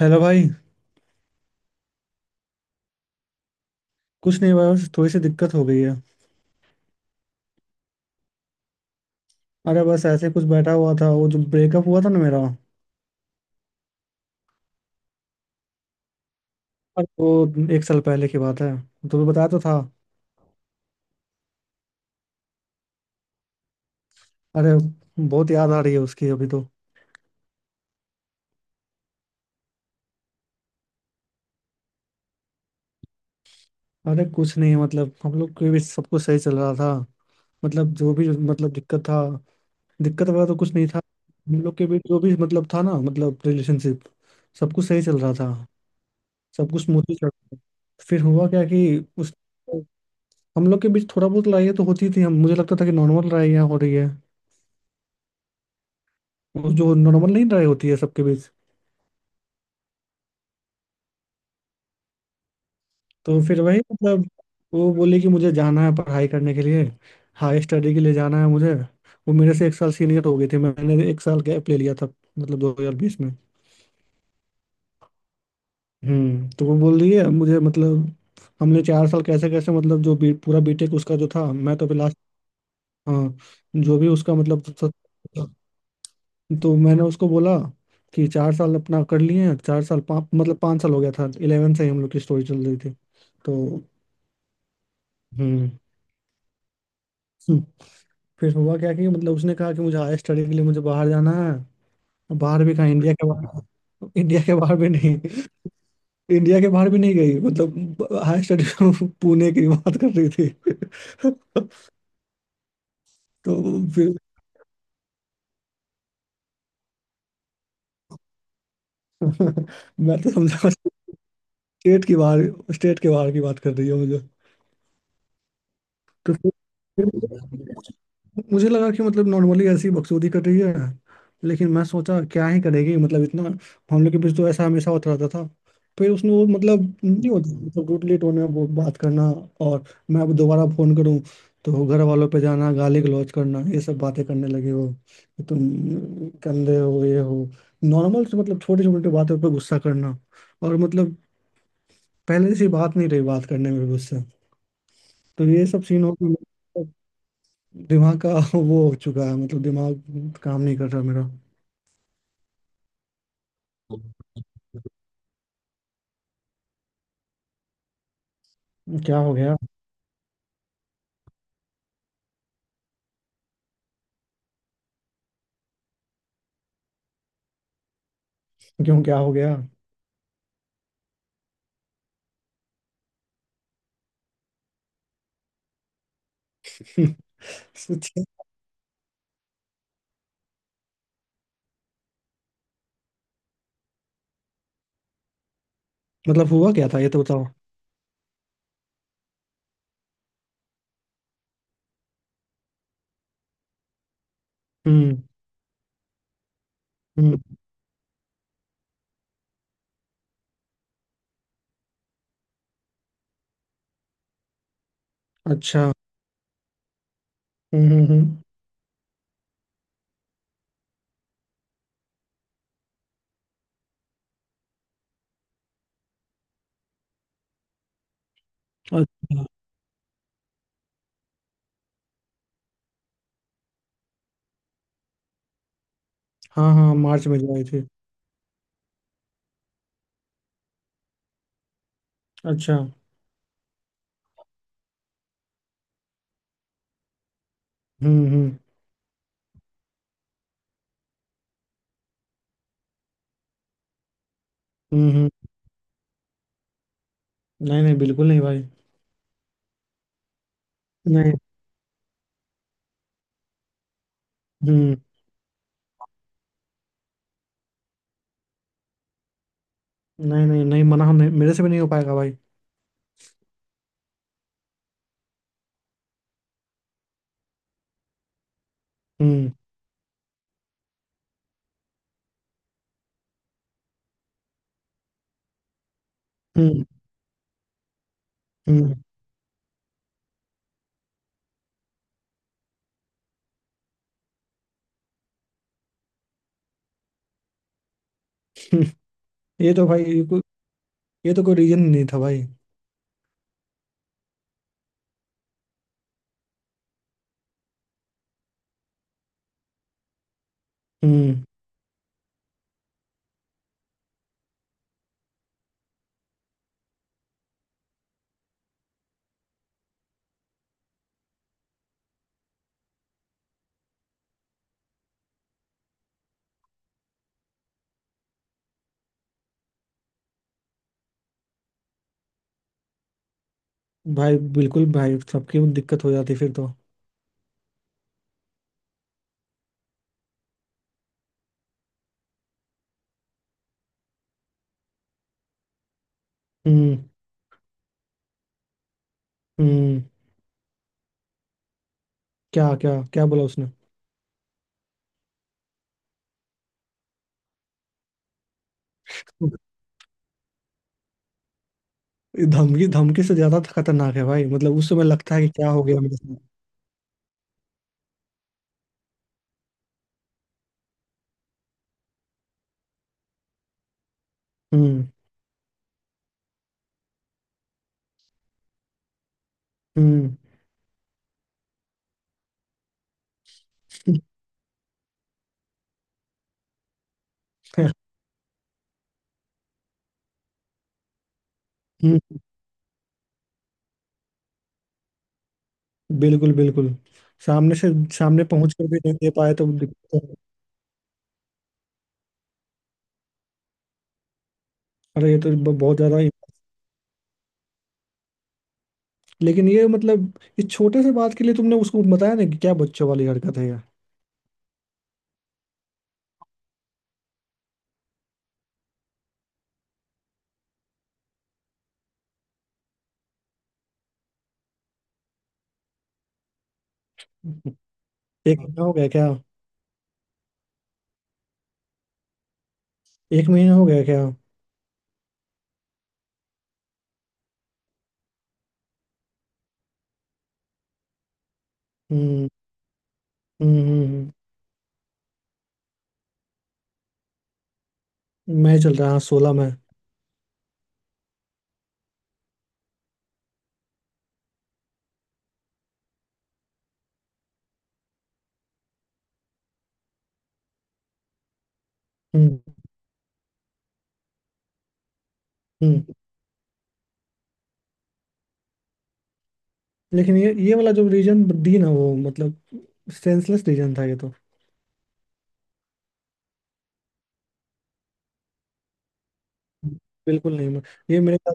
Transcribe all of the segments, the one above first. Hello भाई। कुछ नहीं भाई, बस थोड़ी सी दिक्कत हो गई है। अरे बस ऐसे कुछ बैठा हुआ था, वो जो ब्रेकअप हुआ था ना मेरा। अरे वो एक साल पहले की बात है। तुम्हें बताया तो था। अरे बहुत याद आ रही है उसकी अभी तो। अरे कुछ नहीं, मतलब हम लोग के भी सब कुछ सही चल रहा था। मतलब जो भी मतलब दिक्कत था। दिक्कत वगैरह तो कुछ नहीं था। हम लोग के बीच जो भी मतलब था ना, मतलब रिलेशनशिप। सब कुछ सही चल रहा था। सब कुछ स्मूथली चल रहा था, फिर हुआ क्या कि उस हम लोग के बीच थोड़ा बहुत लड़ाइयाँ तो होती थी, हम मुझे लगता था कि नॉर्मल लड़ाइयाँ हो रही है। वो जो नॉर्मल नहीं लड़ाई होती है सबके बीच। तो फिर वही मतलब। वो बोली कि मुझे जाना है पढ़ाई करने के लिए। हाई स्टडी के लिए जाना है मुझे। वो मेरे से एक साल सीनियर हो गई थी, मैंने एक साल गैप ले लिया था। मतलब 2020 में। तो वो बोल रही है मुझे मतलब। हमने चार साल कैसे कैसे मतलब पूरा बीटेक उसका जो था, मैं तो अभी लास्ट। हाँ जो भी उसका मतलब। तो मैंने उसको बोला कि चार साल अपना कर लिए हैं, चार साल पाँच मतलब पाँच साल हो गया था, 11 से ही हम लोग की स्टोरी चल रही थी। तो हम्म हम्म, फिर हुआ क्या कि मतलब उसने कहा कि मुझे हायर स्टडी के लिए मुझे बाहर जाना है। बाहर भी कहाँ? इंडिया के बाहर। इंडिया के बाहर भी नहीं। इंडिया के बाहर भी नहीं गई, मतलब हायर स्टडी। पुणे की बात कर रही थी। तो फिर मैं तो समझा। स्टेट के बाहर की बात कर रही है मुझे। तो फिर मुझे लगा कि मतलब नॉर्मली ऐसी बकचोदी कर रही है। लेकिन मैं सोचा क्या ही करेगी, मतलब इतना हम लोग के बीच तो ऐसा हमेशा होता रहता था। फिर उसने वो मतलब नहीं होता, मतलब रूडली टोन में वो बात करना। और मैं अब दोबारा फोन करूं तो घर वालों पे जाना, गाली गलौज करना, ये सब बातें करने लगे वो कि तुम गंदे हो, ये हो। नॉर्मल से मतलब छोटी छोटी बातों पे गुस्सा करना। और मतलब पहले से बात नहीं रही, बात करने में भी गुस्सा। तो ये सब सीन हो गया दिमाग का। वो हो चुका है मतलब दिमाग काम नहीं कर रहा मेरा। क्या हो गया। क्यों क्या हो गया। सच में? मतलब हुआ क्या था ये तो बताओ। हम्म। हम्म। अच्छा। हम्म। हम्म। हम्म। अच्छा। हाँ हाँ, मार्च में जो आई थी। अच्छा। हम्म। हम्म। हम्म। हम्म। नहीं नहीं, बिल्कुल नहीं भाई। नहीं। हम्म। नहीं नहीं नहीं, मना नहीं, मेरे से भी नहीं हो पाएगा भाई। हम्म। हम्म। हम्म। हम्म। ये तो भाई ये कोई, ये तो कोई रीजन नहीं था भाई। हम्म। भाई बिल्कुल भाई, सबकी दिक्कत हो जाती फिर तो। हम्म। हम्म। क्या क्या क्या बोला उसने? धमकी धमकी से ज्यादा खतरनाक है भाई, मतलब उस समय लगता है कि क्या हो गया मेरे साथ। हम्म। हम्म। हम्म। बिल्कुल बिल्कुल। सामने से सामने पहुंच कर भी नहीं दे पाए तो दिक्कत है। अरे ये तो बहुत ज्यादा ही। लेकिन ये मतलब इस छोटे से बात के लिए तुमने उसको बताया ना कि क्या बच्चों वाली हरकत है यार? एक महीना हो गया क्या? एक महीना हो गया क्या? हम्म। हम्म। हम्म। मैं चल रहा है हाँ, 16 में। हम्म। हम्म। लेकिन ये वाला जो रीजन दी ना वो मतलब सेंसलेस रीजन था ये तो। बिल्कुल नहीं। ये मेरे साथ।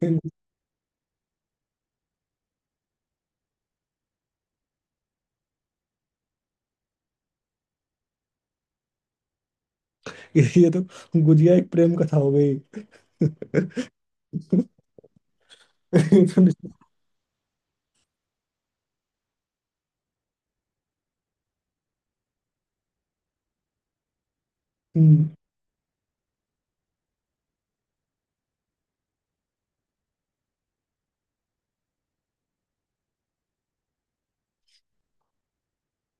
ये तो गुजिया एक प्रेम कथा हो गई। हम्म।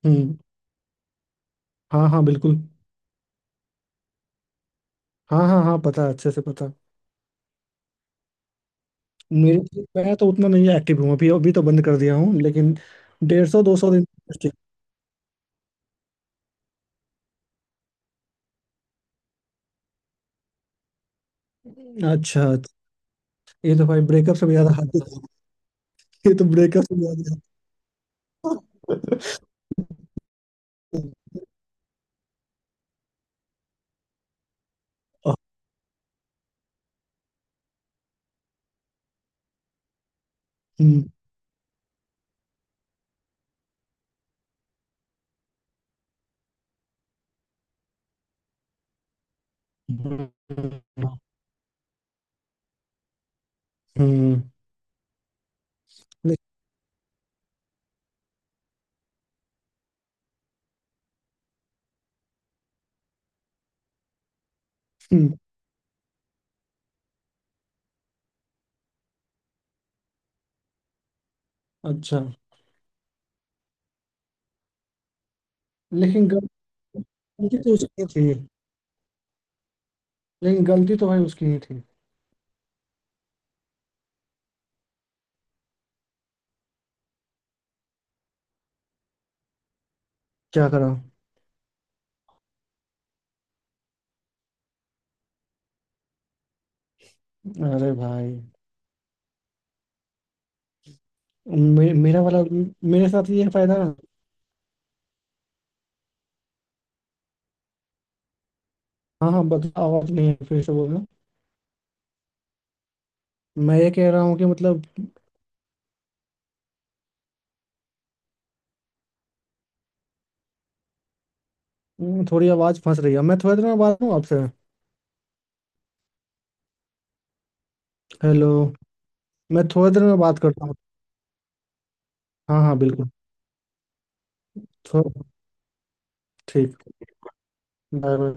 हम्म। हाँ हाँ बिल्कुल। हाँ हाँ हाँ पता है, अच्छे से पता। मेरे मैं तो उतना नहीं एक्टिव हूँ अभी, अभी तो बंद कर दिया हूँ लेकिन। 150 200 दिन। अच्छा। अच्छा, ये तो भाई ब्रेकअप से भी ज्यादा हाथी। ये तो ब्रेकअप से भी ज्यादा। हम्म। हम्म। हम्म। हम्म। अच्छा। लेकिन गलती तो उसकी थी। लेकिन गलती तो भाई उसकी ही थी। क्या करा? अरे भाई। मेरा वाला। मेरे साथ ये फायदा है। हाँ हाँ बताओ। आप नहीं है, फिर से बोलना। मैं ये कह रहा हूँ कि मतलब, थोड़ी आवाज फंस रही है, मैं थोड़ी देर में बात करूँ आपसे। हेलो। मैं थोड़ी देर में बात करता हूँ। हाँ हाँ बिल्कुल। थो- ठीक। Bye bye.